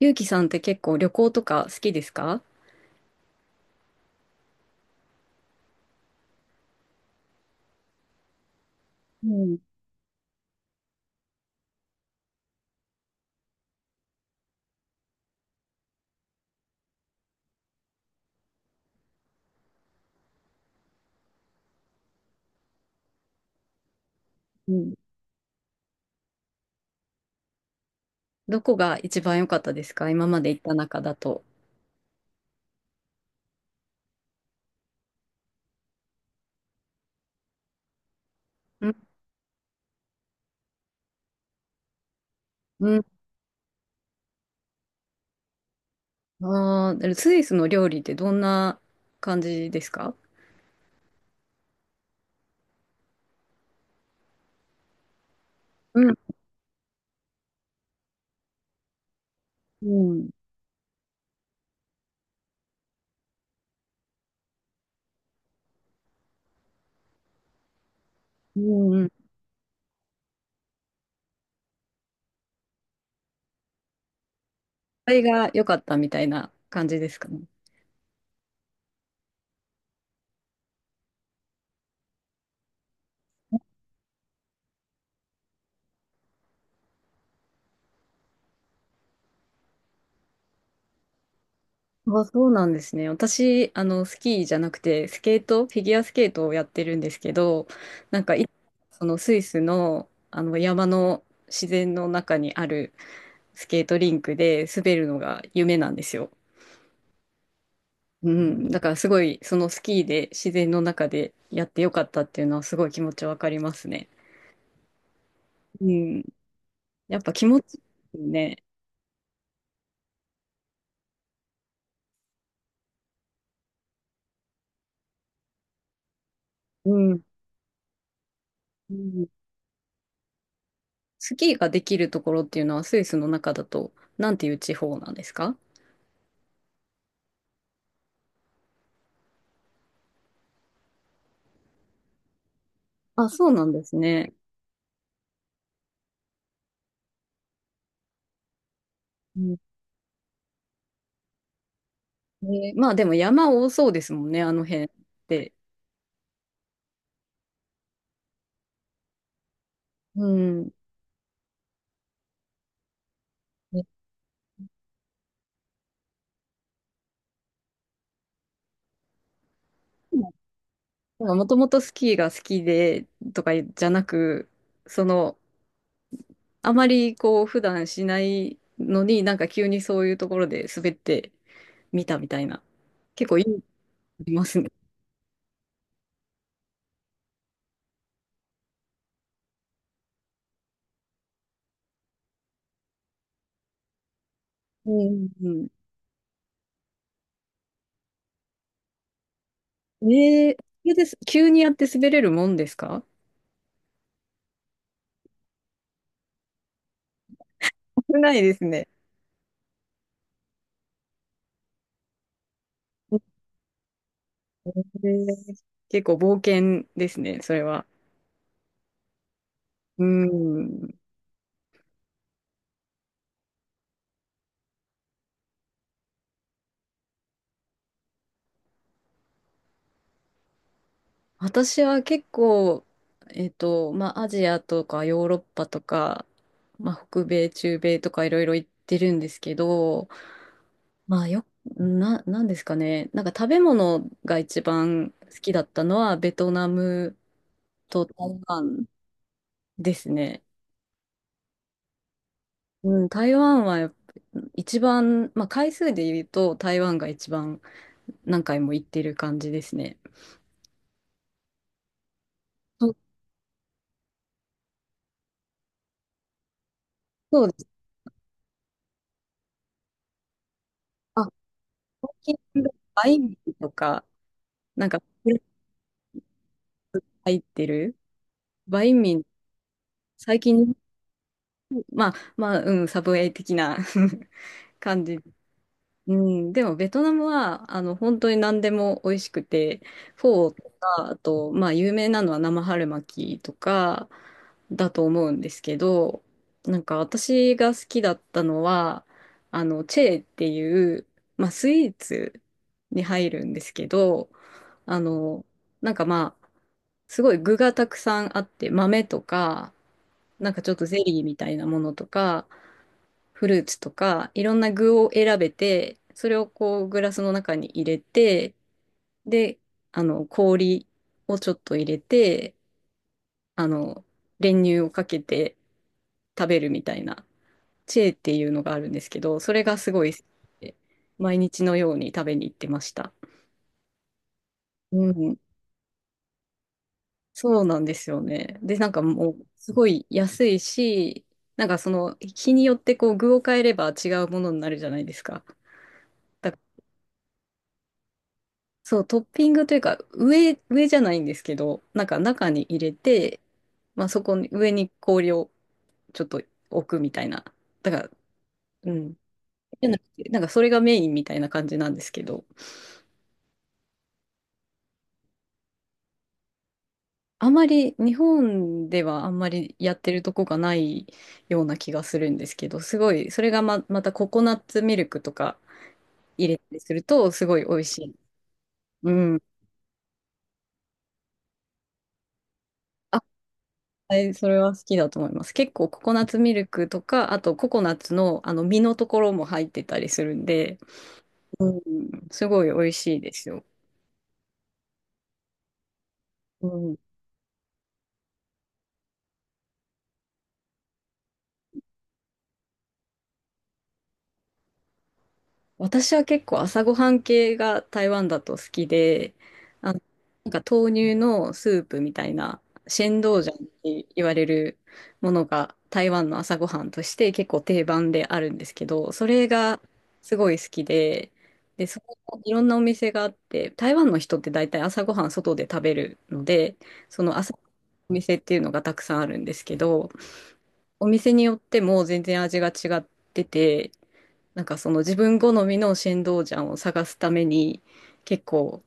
ゆうきさんって結構旅行とか好きですか？うん、うん。どこが一番良かったですか、今まで行った中だと。うん、うん。ああ、スイスの料理ってどんな感じですか？うん、うん。うん、うん。これが良かったみたいな感じですかね。あ、そうなんですね。私、あの、スキーじゃなくて、スケート、フィギュアスケートをやってるんですけど、なんかい、そのスイスの、あの山の自然の中にあるスケートリンクで滑るのが夢なんですよ。うん。だからすごい、そのスキーで自然の中でやってよかったっていうのはすごい気持ちわかりますね。うん。やっぱ気持ちいいよね。うん。うん。スキーができるところっていうのはスイスの中だと、なんていう地方なんですか？あ、そうなんですね。うん。まあでも山多そうですもんね、あの辺って。うん。もともとスキーが好きでとかじゃなく、そのあまりこう普段しないのになんか急にそういうところで滑ってみたみたいな。結構いい、ありますね。うんうんうん。それです。急にやって滑れるもんですか？危ないですね。えー結構冒険ですね、それは。うん。私は結構、まあ、アジアとかヨーロッパとか、まあ、北米、中米とかいろいろ行ってるんですけど、まあよ、なんですかね。なんか食べ物が一番好きだったのはベトナムと台湾ですね。うん、台湾はやっぱ一番、まあ回数で言うと台湾が一番何回も行ってる感じですね。そうそうです。あ、最近バインミーとか、なんか入ってるバインミー、最近、まあまあ、うん、サブウェイ的な 感じ。うん、でもベトナムはあの本当に何でも美味しくて、フォーとか、あと、まあ、有名なのは生春巻きとかだと思うんですけど、なんか私が好きだったのは、あのチェーっていう、まあ、スイーツに入るんですけど、あの、なんかまあ、すごい具がたくさんあって、豆とか、なんかちょっとゼリーみたいなものとか、フルーツとか、いろんな具を選べて、それをこうグラスの中に入れて、で、あの、氷をちょっと入れて、あの、練乳をかけて食べるみたいな、チェーっていうのがあるんですけど、それがすごい好きで、毎日のように食べに行ってました。うん、そうなんですよね。で、なんかもう、すごい安いし、なんかその、日によってこう具を変えれば違うものになるじゃないですか。だそう、トッピングというか、上じゃないんですけど、なんか中に入れて、まあそこに、上に氷をちょっと置くみたいな。だから、うん。じゃなくて、なんかそれがメインみたいな感じなんですけど、あまり、日本ではあんまりやってるとこがないような気がするんですけど、すごい、それがまたココナッツミルクとか入れたりすると、すごい美味しい。うん。はい、それは好きだと思います。結構ココナッツミルクとか、あとココナッツのあの実のところも入ってたりするんで、うん、すごい美味しいですよ。うん。私は結構朝ごはん系が台湾だと好きで、あの、なんか豆乳のスープみたいな、シェンドウジャンって言われるものが台湾の朝ごはんとして結構定番であるんですけど、それがすごい好きで、で、そこもいろんなお店があって、台湾の人って大体朝ごはん外で食べるので、その朝お店っていうのがたくさんあるんですけど、お店によっても全然味が違ってて、なんかその自分好みの新道ジャンを探すために結構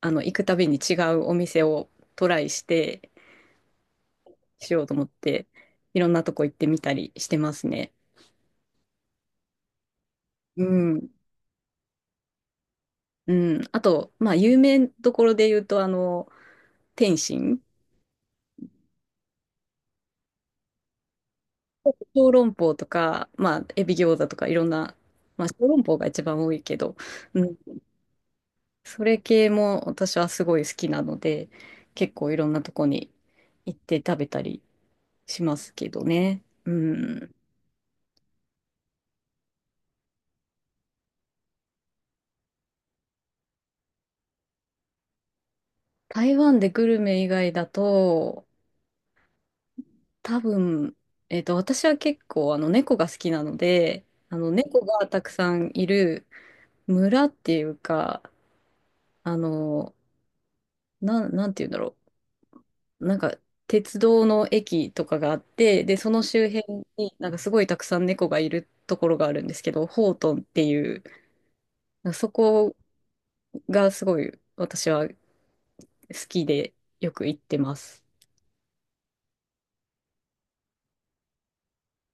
あの行くたびに違うお店をトライしてしようと思っていろんなとこ行ってみたりしてますね。うん。うん。あと、まあ有名どころで言うとあの天津、小籠包とか、まあエビ餃子とかいろんな、まあ小籠包が一番多いけど、うん。それ系も私はすごい好きなので結構いろんなとこに行って食べたりしますけどね。うん。台湾でグルメ以外だと、多分、私は結構あの猫が好きなので、あの猫がたくさんいる村っていうか、あの、なんて言うんだろう。なんか、鉄道の駅とかがあって、で、その周辺になんかすごいたくさん猫がいるところがあるんですけど、ホートンっていう、そこがすごい私は好きでよく行ってます。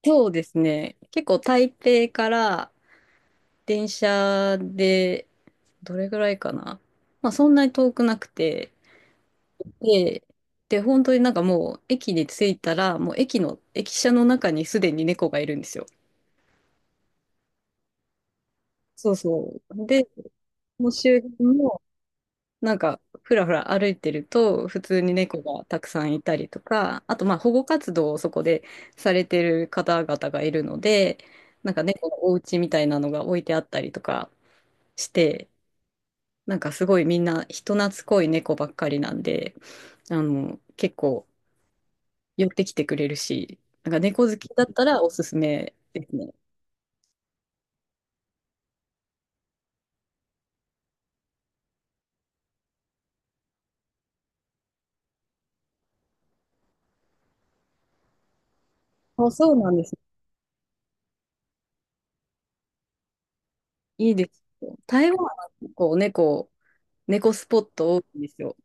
そうですね。結構台北から電車でどれぐらいかな。まあそんなに遠くなくて。で、で、本当になんかもう駅に着いたら、もう駅舎の中にすでに猫がいるんですよ。そうそう。で、もう周辺もなんかふらふら歩いてると普通に猫がたくさんいたりとか、あとまあ保護活動をそこでされてる方々がいるので、なんか猫のお家みたいなのが置いてあったりとかして、なんかすごいみんな人懐っこい猫ばっかりなんで、あの、結構寄ってきてくれるし、なんか猫好きだったらおすすめですね。そうそうなんです。いいですよ。台湾は結構猫スポット多いんですよ。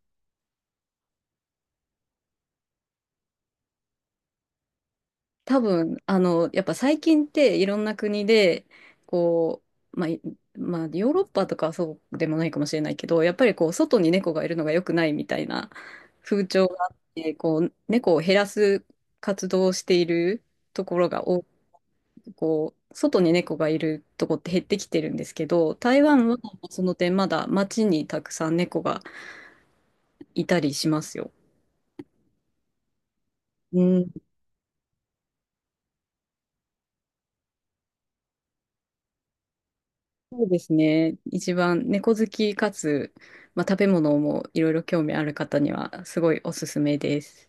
多分、あの、やっぱ最近っていろんな国で、こう、まあ、まあ、ヨーロッパとかはそうでもないかもしれないけど、やっぱりこう、外に猫がいるのが良くないみたいな風潮があって、こう、猫を減らす活動をしているところが多く、こう、外に猫がいるとこって減ってきてるんですけど、台湾はその点まだ街にたくさん猫がいたりしますよ。うん。そうですね。一番猫好きかつ、まあ、食べ物もいろいろ興味ある方にはすごいおすすめです。